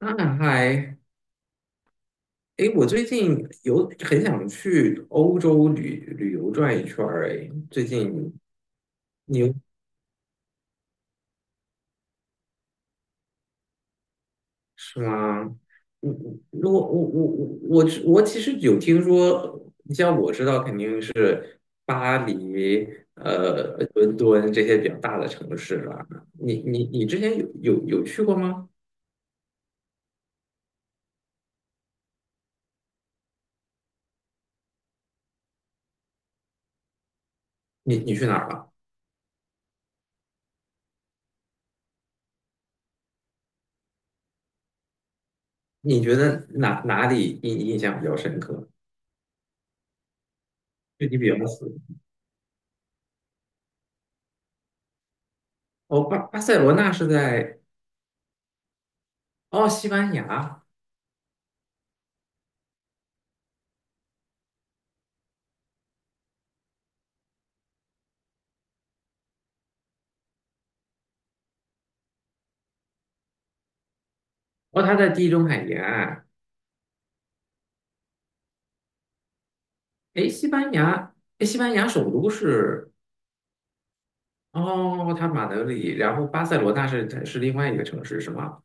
嗨，我最近有很想去欧洲旅游转一圈儿，最近你有是吗？嗯，我我我我我我其实有听说，你像我知道肯定是巴黎、伦敦这些比较大的城市了。你之前有去过吗？你去哪儿了？你觉得哪里印象比较深刻？对你比较死？哦，巴塞罗那是在。哦，西班牙，哦，它在地中海沿岸。诶，西班牙，诶，西班牙首都是哦，它马德里，然后巴塞罗那是另外一个城市，是吗？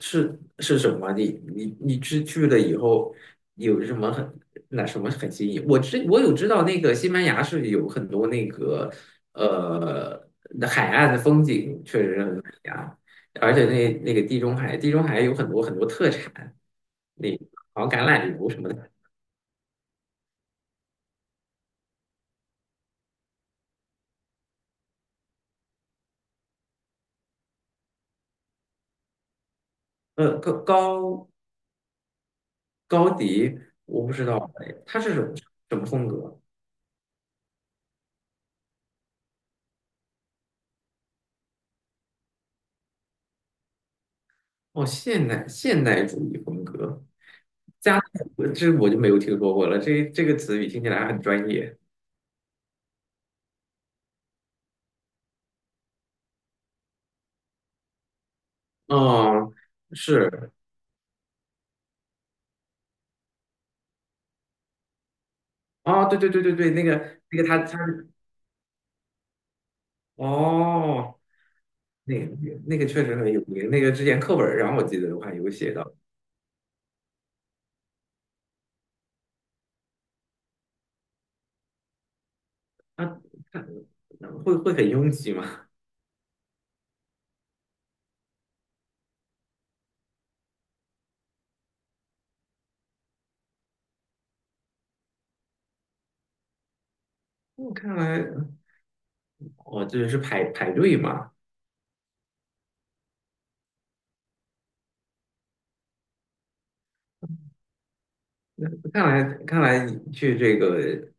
是是什么？你去了以后有什么很那什么很新引？我有知道那个西班牙是有很多那个呃那海岸的风景，确实很美呀。而且那个地中海，地中海有很多很多特产，那好像橄榄油什么的。呃，高高高迪，我不知道哦哎，他是什么什么风格？哦，现代主义风格，加我这我就没有听说过了。这个词语听起来很专业。哦，是哦，对，那个那个。哦，那个那个确实很有名。那个之前课本上我记得我还有写到，他他会会很拥挤吗？我看来哦，这是排队嘛。那看来看来你去这个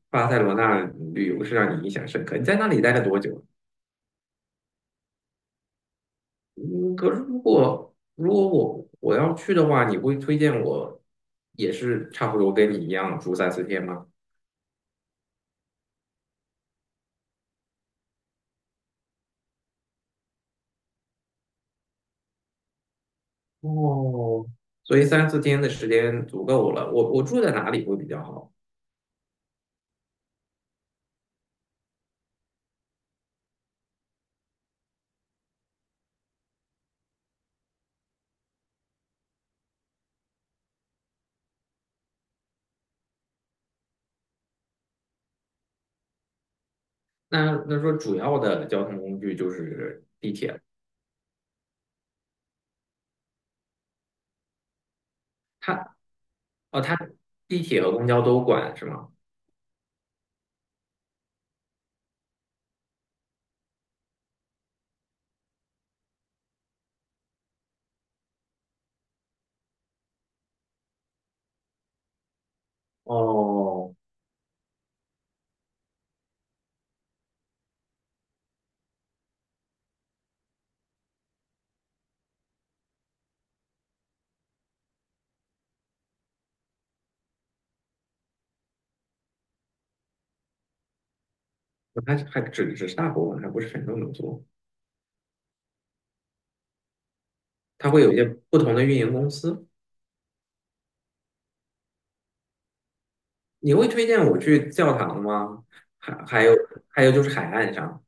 巴塞罗那旅游是让你印象深刻。你在那里待了多久？嗯，可是如果如果我要去的话，你会推荐我也是差不多跟你一样住三四天吗？哦，所以三四天的时间足够了。我住在哪里会比较好？那那说主要的交通工具就是地铁，它哦它地铁和公交都管是吗？哦，它还只是大部分，还不是很多能做。它会有一些不同的运营公司。你会推荐我去教堂吗？还有还有就是海岸上，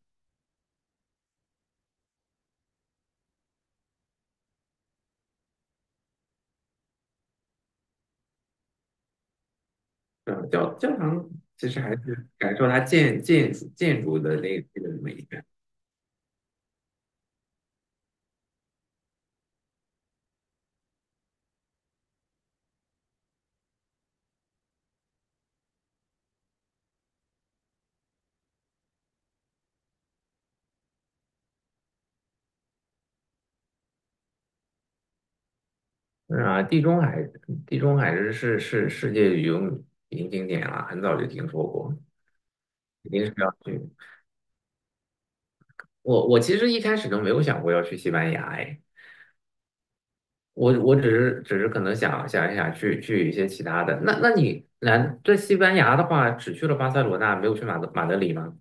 嗯，教教堂其实还是感受它建筑的那个美感。嗯啊，地中海地中海是是世界旅游名景点了，很早就听说过，一定是要去。我其实一开始都没有想过要去西班牙，哎。我只是可能想去一些其他的。那你来在西班牙的话，只去了巴塞罗那，没有去马德里吗？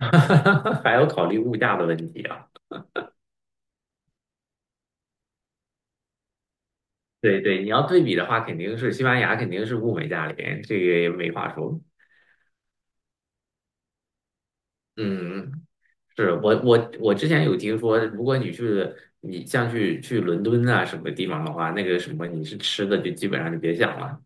还要考虑物价的问题啊。对对，你要对比的话，肯定是西班牙肯定是物美价廉，这个也没话说。嗯，是我之前有听说，如果你去你像去伦敦啊什么地方的话，那个什么你是吃的就基本上就别想了。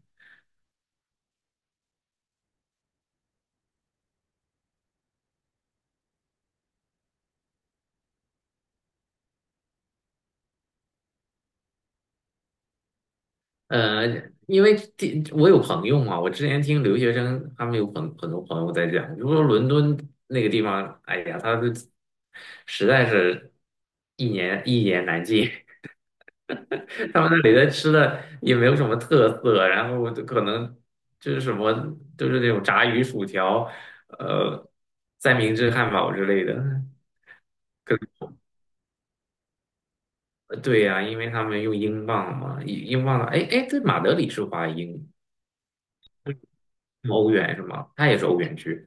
呃，因为第我有朋友嘛，我之前听留学生他们有很多朋友在讲，就说伦敦那个地方，哎呀，他的实在是一言难尽，他们那里的吃的也没有什么特色，然后就可能就是什么就是那种炸鱼薯条，呃，三明治汉堡之类的。可对呀、因为他们用英镑嘛，英镑，哎，对，马德里是花英欧元是吗？它也是欧元区。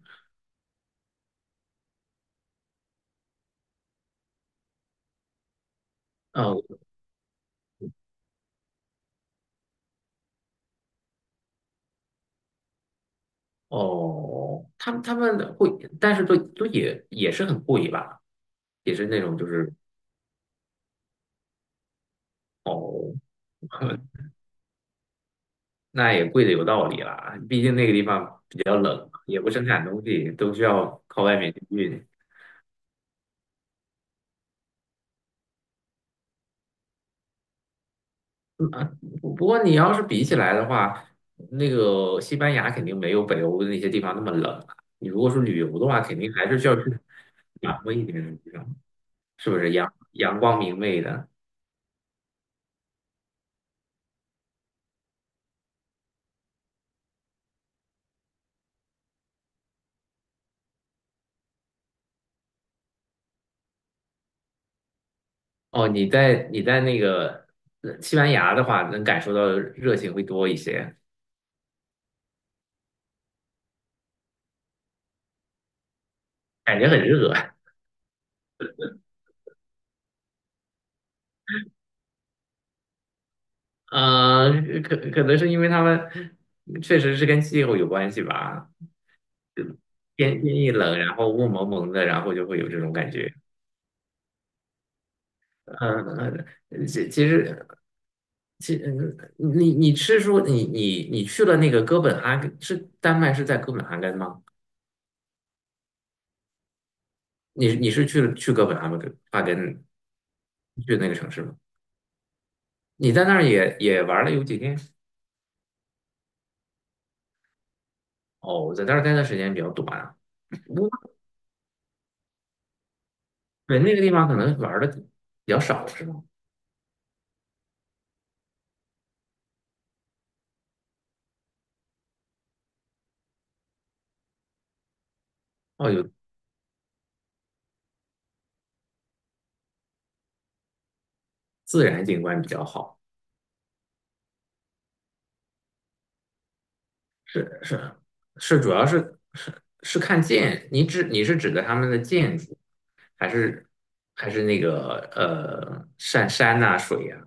哦，他们会，但是都也是很贵吧，也是那种就是哦，那也贵的有道理啦，毕竟那个地方比较冷，也不生产东西，都需要靠外面去运。嗯啊，不过你要是比起来的话，那个西班牙肯定没有北欧的那些地方那么冷啊。你如果是旅游的话，肯定还是需要去暖和一点的地方，是不是阳光明媚的？哦，你在那个西班牙的话，能感受到的热情会多一些，感觉很热。呃，可能是因为他们确实是跟气候有关系吧，天一冷，然后雾蒙蒙的，然后就会有这种感觉。嗯，呃其其实其嗯你是说你去了那个哥本哈根，是丹麦是在哥本哈根吗？你是去了去哥本哈根哈根去那个城市吗？你在那儿也玩了有几天？哦，我在那儿待的时间比较短啊。不对，那个地方可能玩的比较少，是吧？哦，有自然景观比较好，是是，主要是看建，你是指的他们的建筑，还是还是那个山呐、水呀、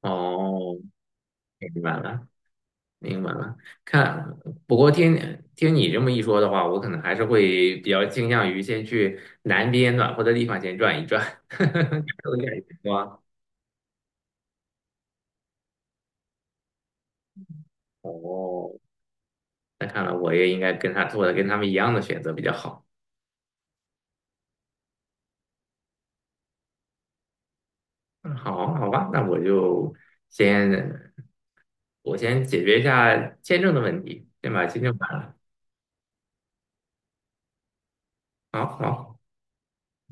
哦，明白了，明白了。看，不过听你这么一说的话，我可能还是会比较倾向于先去南边暖和的地方先转一转，感受一下阳光。哦，那看来我也应该跟他做的跟他们一样的选择比较好。嗯，好，好吧，那我就先我先解决一下签证的问题，先把签证办了。好好，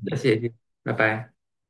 那谢谢，拜拜。